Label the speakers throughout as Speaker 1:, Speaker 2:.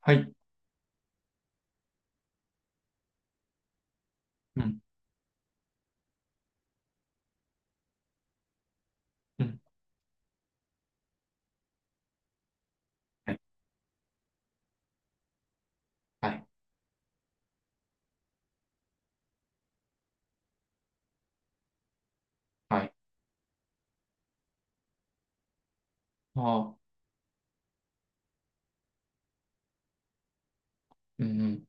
Speaker 1: はい。うん。うん。はい。はい。はい。ああ。うんうん。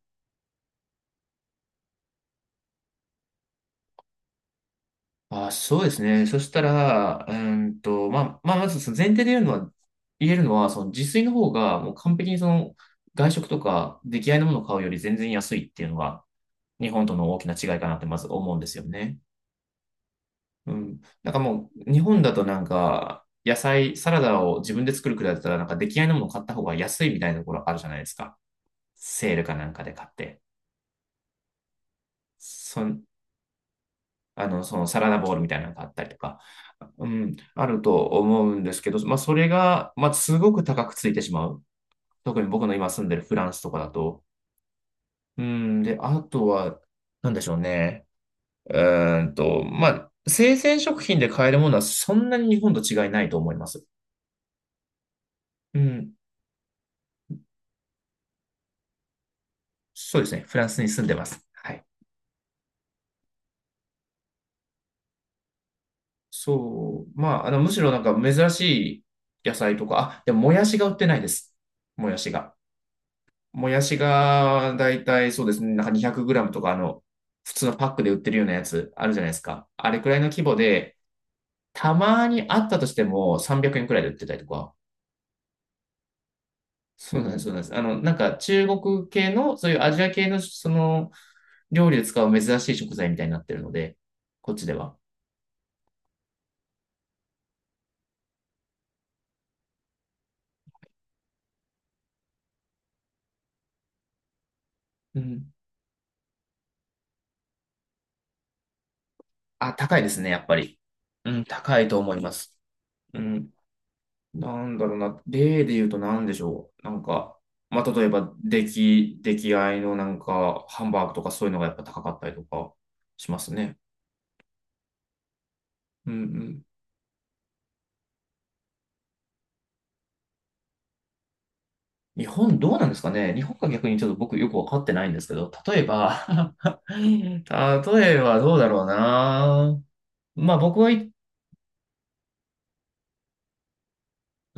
Speaker 1: ああ、そうですね。そしたら、まあ、まずその前提で言うのは、言えるのは、その自炊の方が、もう完璧にその、外食とか出来合いのものを買うより全然安いっていうのが、日本との大きな違いかなってまず思うんですよね。うん。なんかもう、日本だとなんか、野菜、サラダを自分で作るくらいだったら、なんか出来合いのものを買った方が安いみたいなところあるじゃないですか。セールかなんかで買って。そんあの、そのサラダボールみたいなのがあったりとか、うん、あると思うんですけど、まあ、それが、まあ、すごく高くついてしまう。特に僕の今住んでるフランスとかだと。うん、で、あとは、なんでしょうね。まあ、生鮮食品で買えるものはそんなに日本と違いないと思います。うん、そうですね。フランスに住んでます。はい。そう。まあ、あの、むしろなんか珍しい野菜とか、あ、でももやしが売ってないです。もやしが。もやしが、だいたいそうですね、なんか200ムとか、あの、普通のパックで売ってるようなやつあるじゃないですか。あれくらいの規模で、たまにあったとしても300円くえんくらいで売ってたりとか。そうなんです、そうなんです。あの、なんか中国系の、そういうアジア系の、その、料理で使う珍しい食材みたいになってるので、こっちでは。うん。あ、高いですね、やっぱり。うん、高いと思います。うん。なんだろうな、例で言うと何でしょう。なんか、まあ、例えば、出来合いのなんか、ハンバーグとかそういうのがやっぱ高かったりとかしますね。うんうん。日本どうなんですかね。日本が逆にちょっと僕よくわかってないんですけど、例えば 例えばどうだろうな。まあ僕は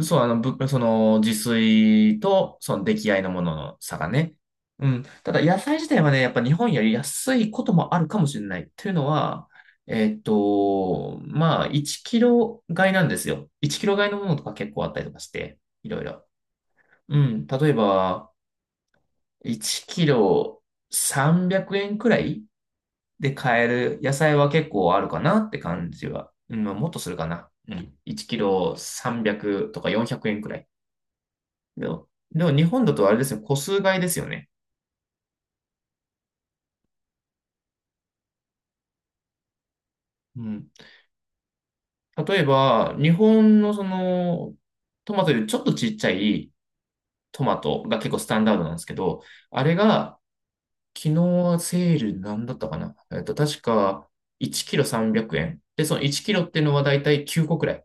Speaker 1: そう、あの、その、自炊と、その、出来合いのものの差がね。うん。ただ、野菜自体はね、やっぱ日本より安いこともあるかもしれない。というのは、まあ、1キロ買いなんですよ。1キロ買いのものとか結構あったりとかして、いろいろ。うん。例えば、1キロ300円くえんくらいで買える野菜は結構あるかなって感じは。うん、まあもっとするかな。うん。1キロ300とか400円くえんくらい。でも、でも日本だとあれですね、個数買いですよね。うん。例えば、日本のその、トマトよりちょっとちっちゃいトマトが結構スタンダードなんですけど、あれが、昨日はセールなんだったかな。確か1キロ300円。で、その1キロっていうのはだいたい9個くらい。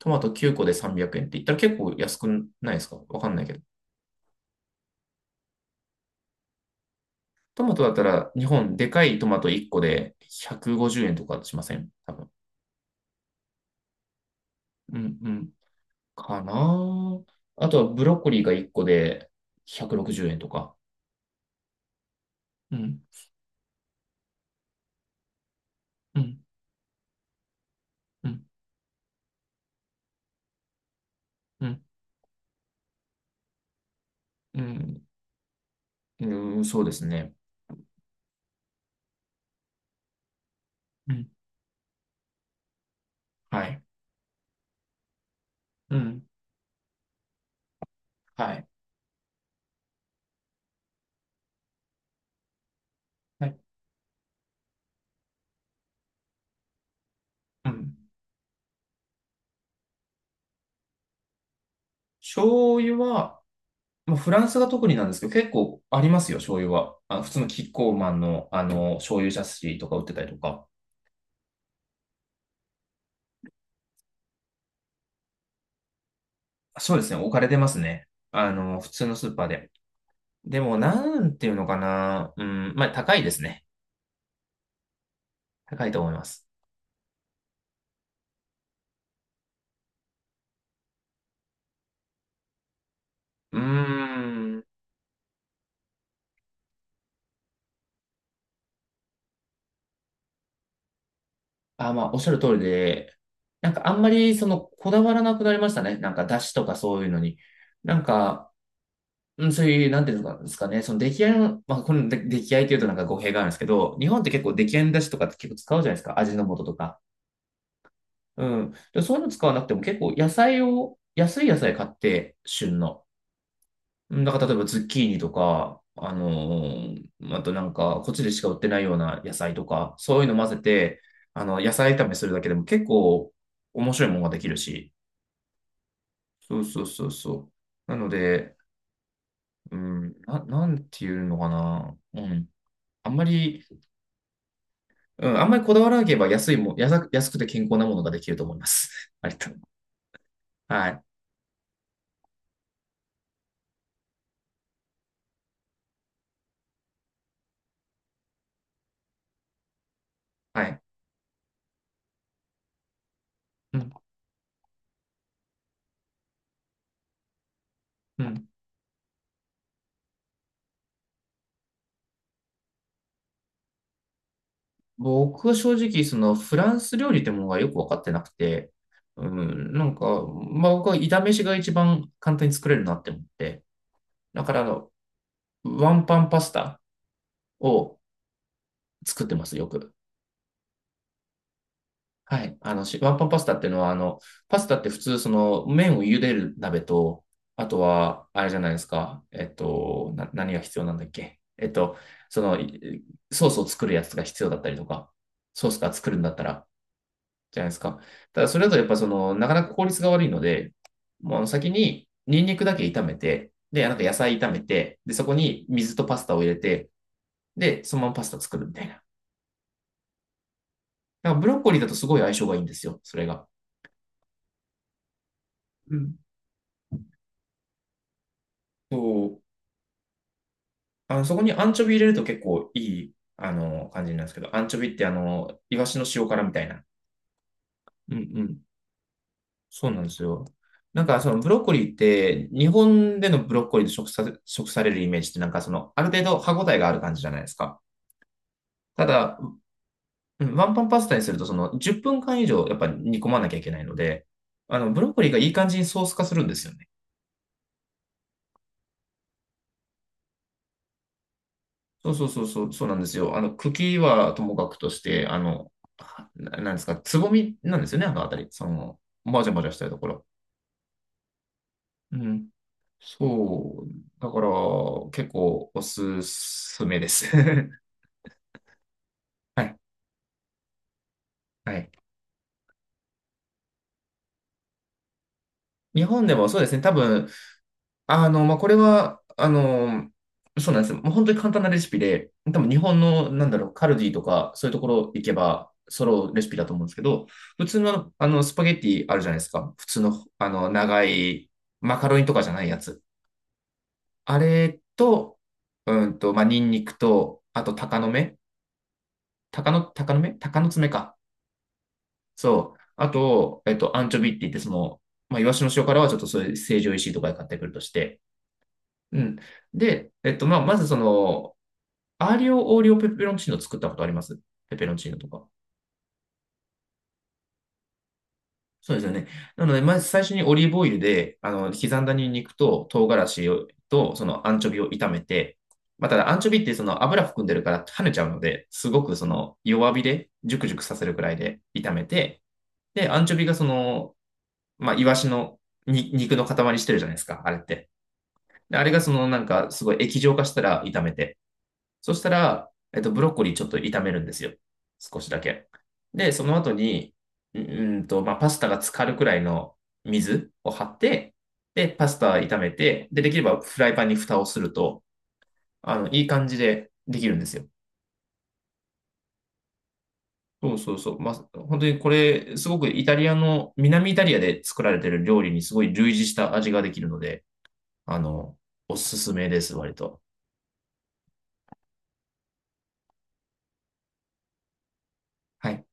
Speaker 1: トマト9個で300円って言ったら結構安くないですか。わかんないけど。トマトだったら日本でかいトマト1個で150円とかしません多分。うんうんかな。あとはブロッコリーが1個で160円とか。うん、うん、うん、うん、うん、うん、そうですね。うん、はい。うん、はい。はい、うん。醤油は、まあ、フランスが特になんですけど、結構ありますよ、醤油は。あ、普通のキッコーマンの、あの、醤油ジャスシーとか売ってたりとか。そうですね、置かれてますね。あの、普通のスーパーで。でも、なんていうのかな。うん、まあ、高いですね。高いと思います。うーん。あ、まあ、おっしゃる通りで、なんかあんまりそのこだわらなくなりましたね。なんか出汁とかそういうのに。なんか、うん、そういう、なんていうんですかね、その出来合いの、まあ、この出出来合いというとなんか語弊があるんですけど、日本って結構出来合いの出汁とかって結構使うじゃないですか。味の素とか。うん。で、そういうの使わなくても結構野菜を、安い野菜買って、旬の。うんだから例えばズッキーニとか、あのーあとなんか、こっちでしか売ってないような野菜とか、そういうの混ぜて、あの、野菜炒めするだけでも結構面白いものができるし。そうそうそうそう。なので、うん、なんていうのかな。うん。あんまり、うん、あんまりこだわらなければ安いも、安く安くて健康なものができると思います。ありとはい。はい。うん。うん僕は正直、そのフランス料理ってものがよく分かってなくて、うん、なんか、まあ僕は炒飯が一番簡単に作れるなって思って、だからあの、ワンパンパスタを作ってます、よく。はい。あの、ワンパンパスタっていうのは、あの、パスタって普通、その、麺を茹でる鍋と、あとは、あれじゃないですか、何が必要なんだっけ。その、ソースを作るやつが必要だったりとか、ソースが作るんだったら、じゃないですか。ただ、それだとやっぱその、なかなか効率が悪いので、もうあの先にニンニクだけ炒めて、で、なんか野菜炒めて、で、そこに水とパスタを入れて、で、そのままパスタ作るみたいな。だからブロッコリーだとすごい相性がいいんですよ、それが。うん。そう。あの、そこにアンチョビ入れると結構いい、あの、感じになるんですけど、アンチョビってあの、イワシの塩辛みたいな。うんうん。そうなんですよ。なんかそのブロッコリーって、日本でのブロッコリーと食されるイメージってなんかその、ある程度歯ごたえがある感じじゃないですか。ただ、うんワンパンパスタにするとその10分間以上やっぱ煮込まなきゃいけないので、あの、ブロッコリーがいい感じにソース化するんですよね。そうそうそうそう、そうなんですよ。あの、茎はともかくとして、あの、なんですか、つぼみなんですよね、あのあたり。その、もじゃもじゃしたところ。うん。そう。だから、結構おすすめです。はい。はい。日本でもそうですね。多分、あの、まあ、これは、あの、そうなんですよ。もう本当に簡単なレシピで、多分日本の、なんだろう、カルディとか、そういうところ行けば、揃うレシピだと思うんですけど、普通の、あの、スパゲッティあるじゃないですか。普通の、あの、長い、マカロニとかじゃないやつ。あれと、うんと、まあ、ニンニクと、あと、鷹の爪か。そう。あと、アンチョビって言って、その、まあ、イワシの塩辛はちょっとそういう成城石井とかで買ってくるとして、うん。で、まあ、まずその、アーリオオーリオペペロンチーノ作ったことありますペペロンチーノとか。そうですよね。なので、まず最初にオリーブオイルで、あの、刻んだニンニクと唐辛子をと、そのアンチョビを炒めて、まあ、ただアンチョビってその油含んでるから跳ねちゃうので、すごくその弱火でジュクジュクさせるくらいで炒めて、で、アンチョビがその、まあ、イワシの肉の塊してるじゃないですか、あれって。であれがそのなんかすごい液状化したら炒めて、そしたら、ブロッコリーちょっと炒めるんですよ。少しだけ。で、その後に、まあ、パスタが浸かるくらいの水を張って、で、パスタ炒めて、で、できればフライパンに蓋をすると、あの、いい感じでできるんですよ。そうそうそう。まあ、本当にこれ、すごくイタリアの、南イタリアで作られてる料理にすごい類似した味ができるので、あの、おすすめです、割と。はい。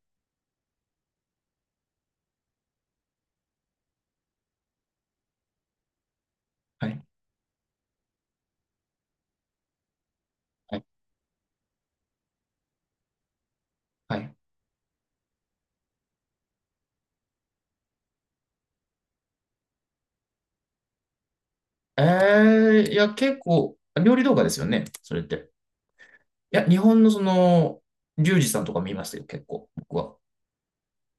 Speaker 1: はい。はい。はい。えいや、結構、料理動画ですよね、それって。いや、日本のその、リュウジさんとか見ましたよ、結構、僕は。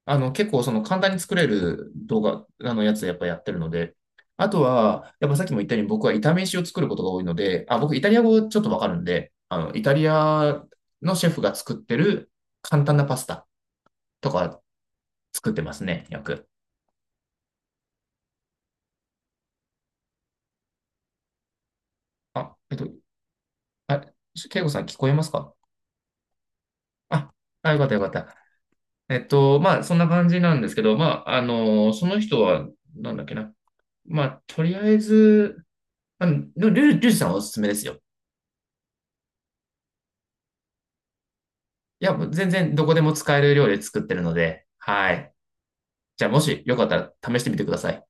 Speaker 1: あの、結構、その、簡単に作れる動画、あの、やっぱやってるので。あとは、やっぱさっきも言ったように、僕は炒め飯を作ることが多いので、あ、僕、イタリア語ちょっとわかるんで、あの、イタリアのシェフが作ってる簡単なパスタとか作ってますね、よく。あ、あ、ケイゴさん聞こえますか？あ、あ、よかったよかった。まあ、そんな感じなんですけど、まあ、あの、その人は、なんだっけな。まあ、とりあえず、あの、でもリュウジさんはおすすめですよ。いや、もう全然どこでも使える料理作ってるので、はい。じゃあ、もしよかったら試してみてください。